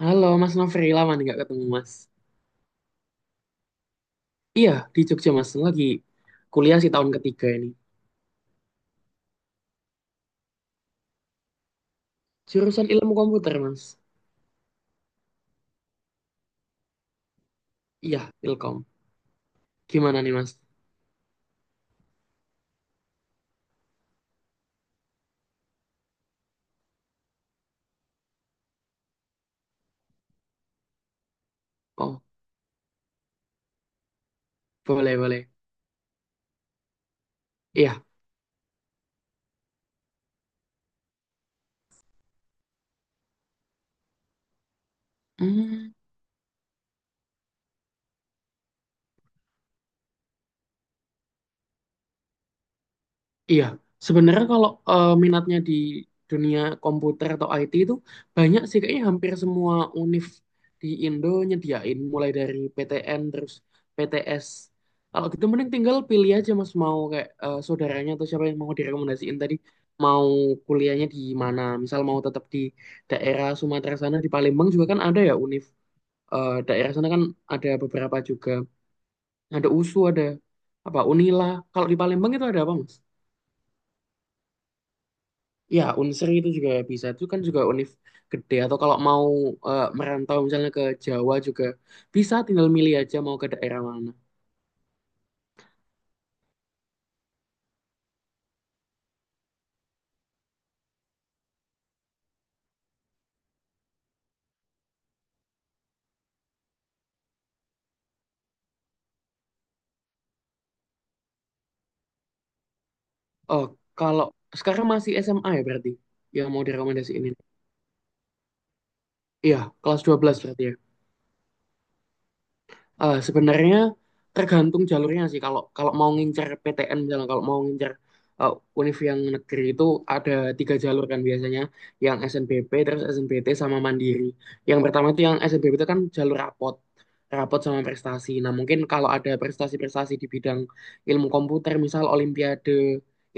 Halo Mas Nofri, lama nih gak ketemu Mas. Iya, di Jogja Mas, lagi kuliah sih tahun ketiga ini. Jurusan ilmu komputer Mas. Iya, Ilkom. Gimana nih Mas? Oh, boleh, boleh. Iya. Hmm. Iya, sebenarnya kalau minatnya di dunia komputer atau IT itu banyak sih kayaknya hampir semua univ di Indo nyediain mulai dari PTN terus PTS. Kalau gitu mending tinggal pilih aja Mas mau kayak saudaranya atau siapa yang mau direkomendasiin tadi mau kuliahnya di mana. Misal mau tetap di daerah Sumatera sana di Palembang juga kan ada ya univ daerah sana kan ada beberapa juga. Ada USU, ada apa Unila. Kalau di Palembang itu ada apa Mas? Ya, Unsri itu juga bisa. Itu kan juga univ gede. Atau kalau mau merantau misalnya ke Jawa juga bisa tinggal milih aja mau ke daerah mana. Oh, kalau sekarang masih SMA ya berarti yang mau direkomendasiin ini. Iya, kelas 12 berarti ya. Sebenarnya tergantung jalurnya sih. Kalau kalau mau ngincer PTN misalnya, kalau mau ngincer eh, univ yang negeri itu ada tiga jalur kan biasanya, yang SNBP, terus SNBT sama Mandiri. Yang pertama itu yang SNBP itu kan jalur rapot, rapot sama prestasi. Nah mungkin kalau ada prestasi-prestasi di bidang ilmu komputer, misal Olimpiade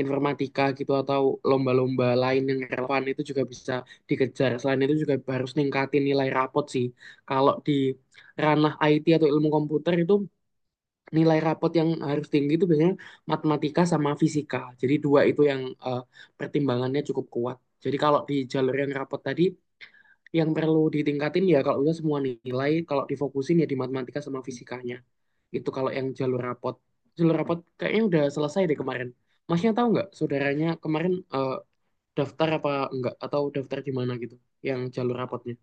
informatika gitu atau lomba-lomba lain yang relevan itu juga bisa dikejar. Selain itu juga harus ningkatin nilai rapot sih. Kalau di ranah IT atau ilmu komputer itu nilai rapot yang harus tinggi itu biasanya matematika sama fisika. Jadi dua itu yang pertimbangannya cukup kuat. Jadi kalau di jalur yang rapot tadi yang perlu ditingkatin ya kalau udah semua nilai kalau difokusin ya di matematika sama fisikanya. Itu kalau yang jalur rapot. Jalur rapot kayaknya udah selesai deh kemarin. Masnya tahu nggak saudaranya kemarin daftar apa enggak atau daftar di mana gitu yang jalur rapotnya?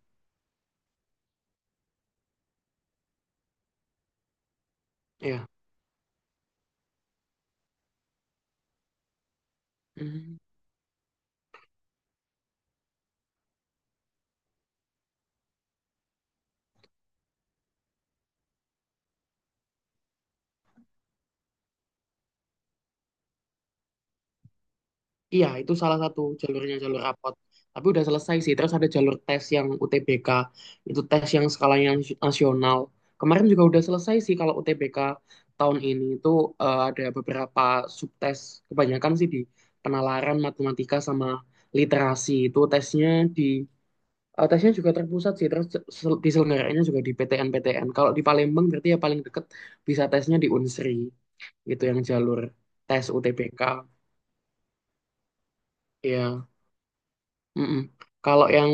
Iya. Hmm. Iya, itu salah satu jalurnya jalur rapot. Tapi udah selesai sih. Terus ada jalur tes yang UTBK. Itu tes yang skalanya nasional. Kemarin juga udah selesai sih kalau UTBK tahun ini itu ada beberapa subtes. Kebanyakan sih di penalaran matematika sama literasi. Itu tesnya di tesnya juga terpusat sih. Terus diselenggarainnya juga di PTN-PTN. Kalau di Palembang berarti ya paling deket bisa tesnya di Unsri. Itu yang jalur tes UTBK. Ya. Mm-mm. Kalau yang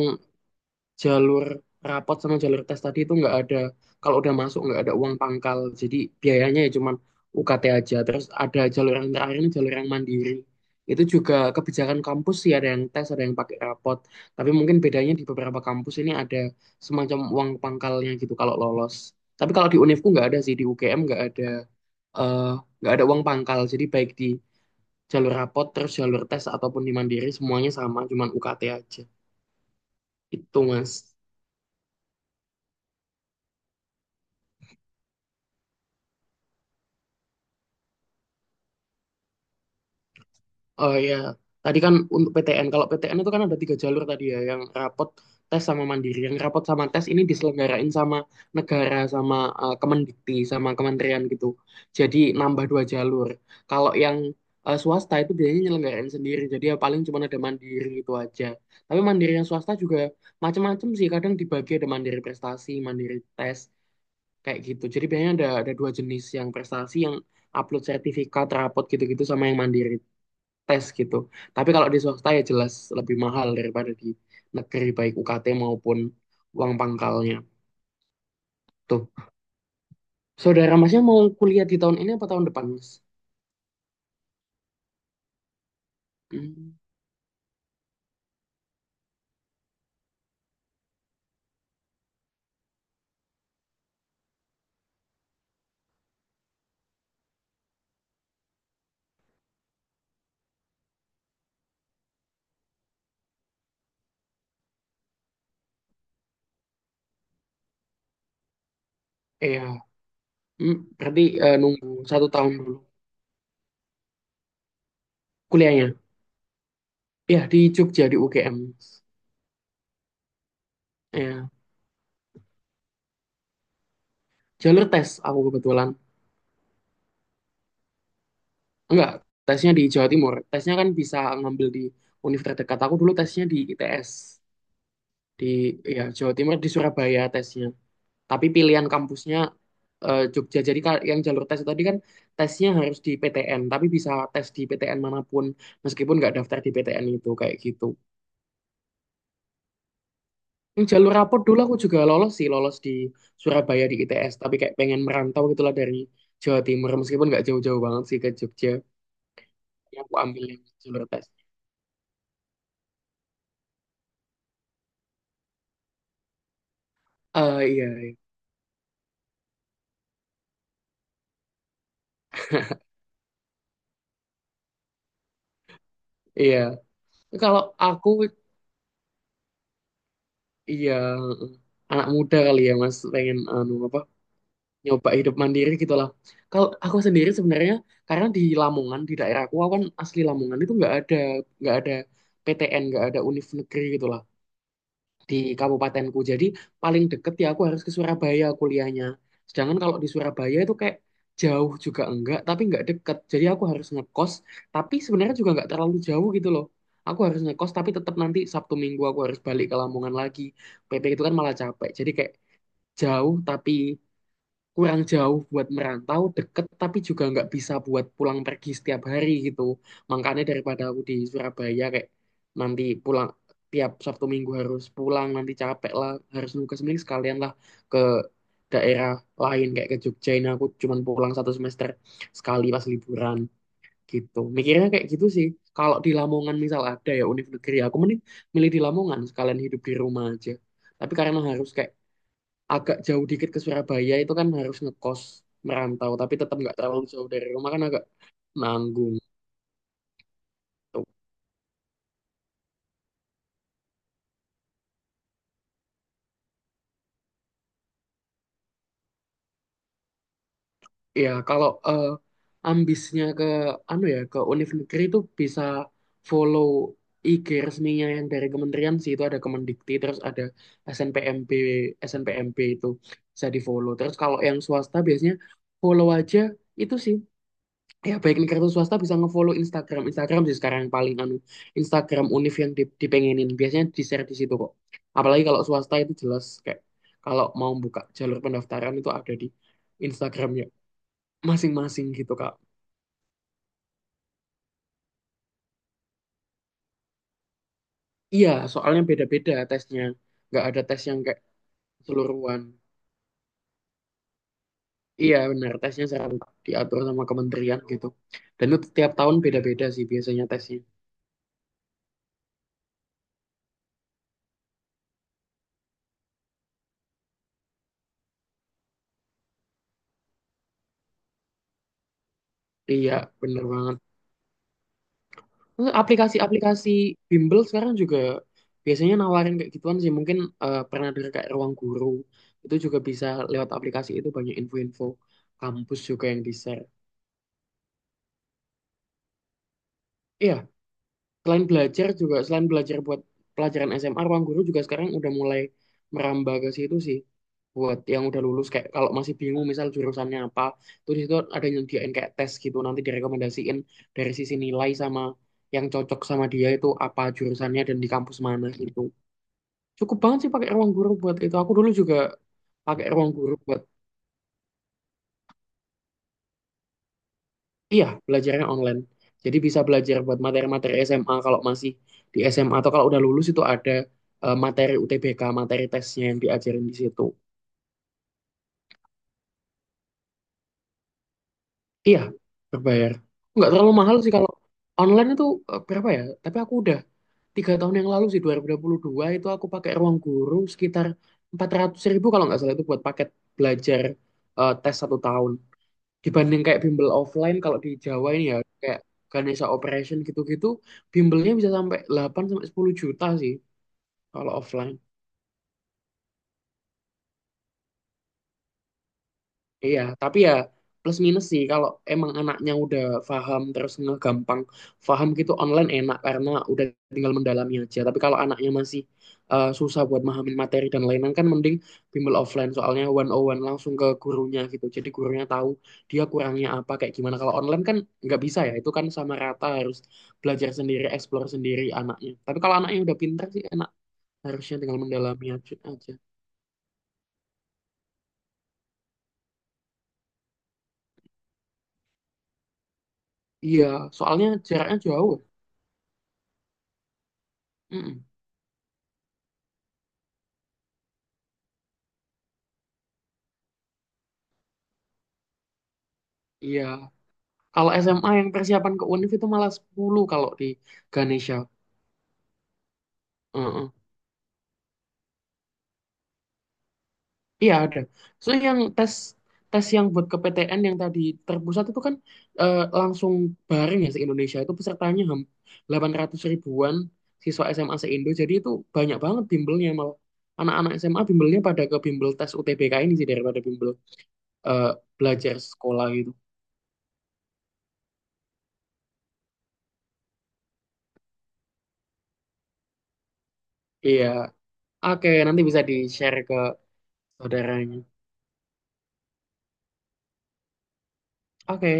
jalur rapot sama jalur tes tadi itu nggak ada, kalau udah masuk nggak ada uang pangkal, jadi biayanya ya cuman UKT aja. Terus ada jalur yang terakhir ini jalur yang mandiri. Itu juga kebijakan kampus sih ada yang tes, ada yang pakai rapot. Tapi mungkin bedanya di beberapa kampus ini ada semacam uang pangkalnya gitu kalau lolos. Tapi kalau di Univku nggak ada sih, di UGM eh, nggak ada uang pangkal. Jadi baik di jalur rapot, terus jalur tes ataupun di mandiri semuanya sama, cuman UKT aja. Itu Mas. Oh ya, tadi kan untuk PTN, kalau PTN itu kan ada tiga jalur tadi ya, yang rapot, tes sama mandiri. Yang rapot sama tes ini diselenggarain sama negara, sama Kemendikti, sama kementerian gitu. Jadi nambah dua jalur. Kalau yang swasta itu biasanya nyelenggarain sendiri, jadi ya paling cuma ada mandiri itu aja. Tapi mandiri yang swasta juga macam-macam sih, kadang dibagi ada mandiri prestasi, mandiri tes, kayak gitu. Jadi biasanya ada dua jenis, yang prestasi yang upload sertifikat, rapot gitu-gitu sama yang mandiri tes gitu. Tapi kalau di swasta ya jelas lebih mahal daripada di negeri baik UKT maupun uang pangkalnya. Tuh, saudara masnya mau kuliah di tahun ini apa tahun depan, Mas? Hmm, iya. Hmm, berarti nunggu 1 tahun dulu kuliahnya. Iya, di Jogja, di UGM. Iya. Jalur tes aku kebetulan. Enggak, tesnya di Jawa Timur. Tesnya kan bisa ngambil di universitas terdekat. Aku dulu tesnya di ITS. Di Ya, Jawa Timur, di Surabaya tesnya. Tapi pilihan kampusnya Jogja. Jadi yang jalur tes tadi kan tesnya harus di PTN, tapi bisa tes di PTN manapun meskipun nggak daftar di PTN itu kayak gitu. Yang jalur rapot dulu aku juga lolos sih, lolos di Surabaya di ITS, tapi kayak pengen merantau gitulah dari Jawa Timur meskipun nggak jauh-jauh banget sih ke Jogja. Yang aku ambil yang jalur tes. Eh iya, iya. Iya. Kalau aku iya anak muda kali ya Mas pengen anu apa nyoba hidup mandiri gitu lah. Kalau aku sendiri sebenarnya karena di Lamongan di daerah aku kan asli Lamongan itu nggak ada PTN nggak ada univ negeri gitu lah di kabupatenku. Jadi paling deket ya aku harus ke Surabaya kuliahnya. Sedangkan kalau di Surabaya itu kayak jauh juga enggak tapi nggak deket. Jadi aku harus ngekos tapi sebenarnya juga nggak terlalu jauh gitu loh. Aku harus ngekos tapi tetap nanti Sabtu Minggu aku harus balik ke Lamongan lagi. PP itu kan malah capek. Jadi kayak jauh tapi kurang jauh buat merantau, deket tapi juga nggak bisa buat pulang pergi setiap hari gitu. Makanya daripada aku di Surabaya kayak nanti pulang tiap Sabtu Minggu harus pulang, nanti capek lah, harus nunggu ke Semling, sekalian lah ke daerah lain kayak ke Jogja ini aku cuman pulang 1 semester sekali pas liburan gitu. Mikirnya kayak gitu sih. Kalau di Lamongan misal ada ya univ negeri, aku mending milih di Lamongan sekalian hidup di rumah aja. Tapi karena harus kayak agak jauh dikit ke Surabaya itu kan harus ngekos merantau tapi tetap nggak terlalu jauh dari rumah kan agak nanggung tuh. Ya kalau ambisnya ke anu ya ke univ negeri itu bisa follow IG resminya yang dari kementerian sih. Itu ada Kemendikti terus ada SNPMB SNPMB itu bisa di follow. Terus kalau yang swasta biasanya follow aja itu sih. Ya baik nih kartu swasta bisa ngefollow Instagram Instagram sih sekarang yang paling anu. Instagram Univ yang dipengenin biasanya di share di situ kok, apalagi kalau swasta itu jelas kayak kalau mau buka jalur pendaftaran itu ada di Instagramnya masing-masing gitu Kak. Iya soalnya beda-beda tesnya, nggak ada tes yang kayak seluruhan. Iya benar tesnya serentak diatur sama kementerian gitu, dan itu tiap tahun beda-beda sih biasanya tesnya. Iya bener banget. Terus aplikasi-aplikasi bimbel sekarang juga biasanya nawarin kayak gituan sih. Mungkin pernah dengar kayak Ruang Guru. Itu juga bisa lewat aplikasi itu banyak info-info kampus juga yang di-share. Iya, selain belajar juga, selain belajar buat pelajaran SMA, Ruang Guru juga sekarang udah mulai merambah ke situ sih. Buat yang udah lulus kayak kalau masih bingung misal jurusannya apa, tuh di situ ada yang nyediain kayak tes gitu. Nanti direkomendasiin dari sisi nilai sama yang cocok sama dia itu apa jurusannya dan di kampus mana gitu. Cukup banget sih pakai ruang guru buat itu. Aku dulu juga pakai ruang guru buat, iya, belajarnya online. Jadi bisa belajar buat materi-materi SMA kalau masih di SMA atau kalau udah lulus itu ada materi UTBK, materi tesnya yang diajarin di situ. Iya, berbayar. Nggak terlalu mahal sih kalau online itu berapa ya? Tapi aku udah 3 tahun yang lalu sih dua dua ribu dua puluh dua itu aku pakai ruang guru sekitar 400 ribu kalau nggak salah itu buat paket belajar tes 1 tahun. Dibanding kayak bimbel offline kalau di Jawa ini ya kayak Ganesha Operation gitu-gitu bimbelnya bisa sampai 8 sampai 10 juta sih kalau offline. Iya, tapi ya plus minus sih kalau emang anaknya udah paham terus ngegampang paham gitu online enak karena udah tinggal mendalami aja. Tapi kalau anaknya masih susah buat memahami materi dan lain-lain kan mending bimbel offline soalnya one on one langsung ke gurunya gitu. Jadi gurunya tahu dia kurangnya apa kayak gimana. Kalau online kan nggak bisa ya, itu kan sama rata harus belajar sendiri, explore sendiri anaknya. Tapi kalau anaknya udah pintar sih enak, harusnya tinggal mendalami aja. Iya, soalnya jaraknya jauh. Mm-mm. Iya. Kalau SMA yang persiapan ke UNIF itu malah 10 kalau di Ganesha. Heeh. Iya ada. So yang tes tes yang buat ke PTN yang tadi terpusat itu kan langsung bareng ya se-Indonesia itu pesertanya 800 ribuan siswa SMA se-Indo. Jadi itu banyak banget bimbelnya malah. Anak-anak SMA bimbelnya pada ke bimbel tes UTBK ini sih daripada bimbel eh, belajar sekolah gitu. Iya. Oke, nanti bisa di-share ke saudaranya. Oke.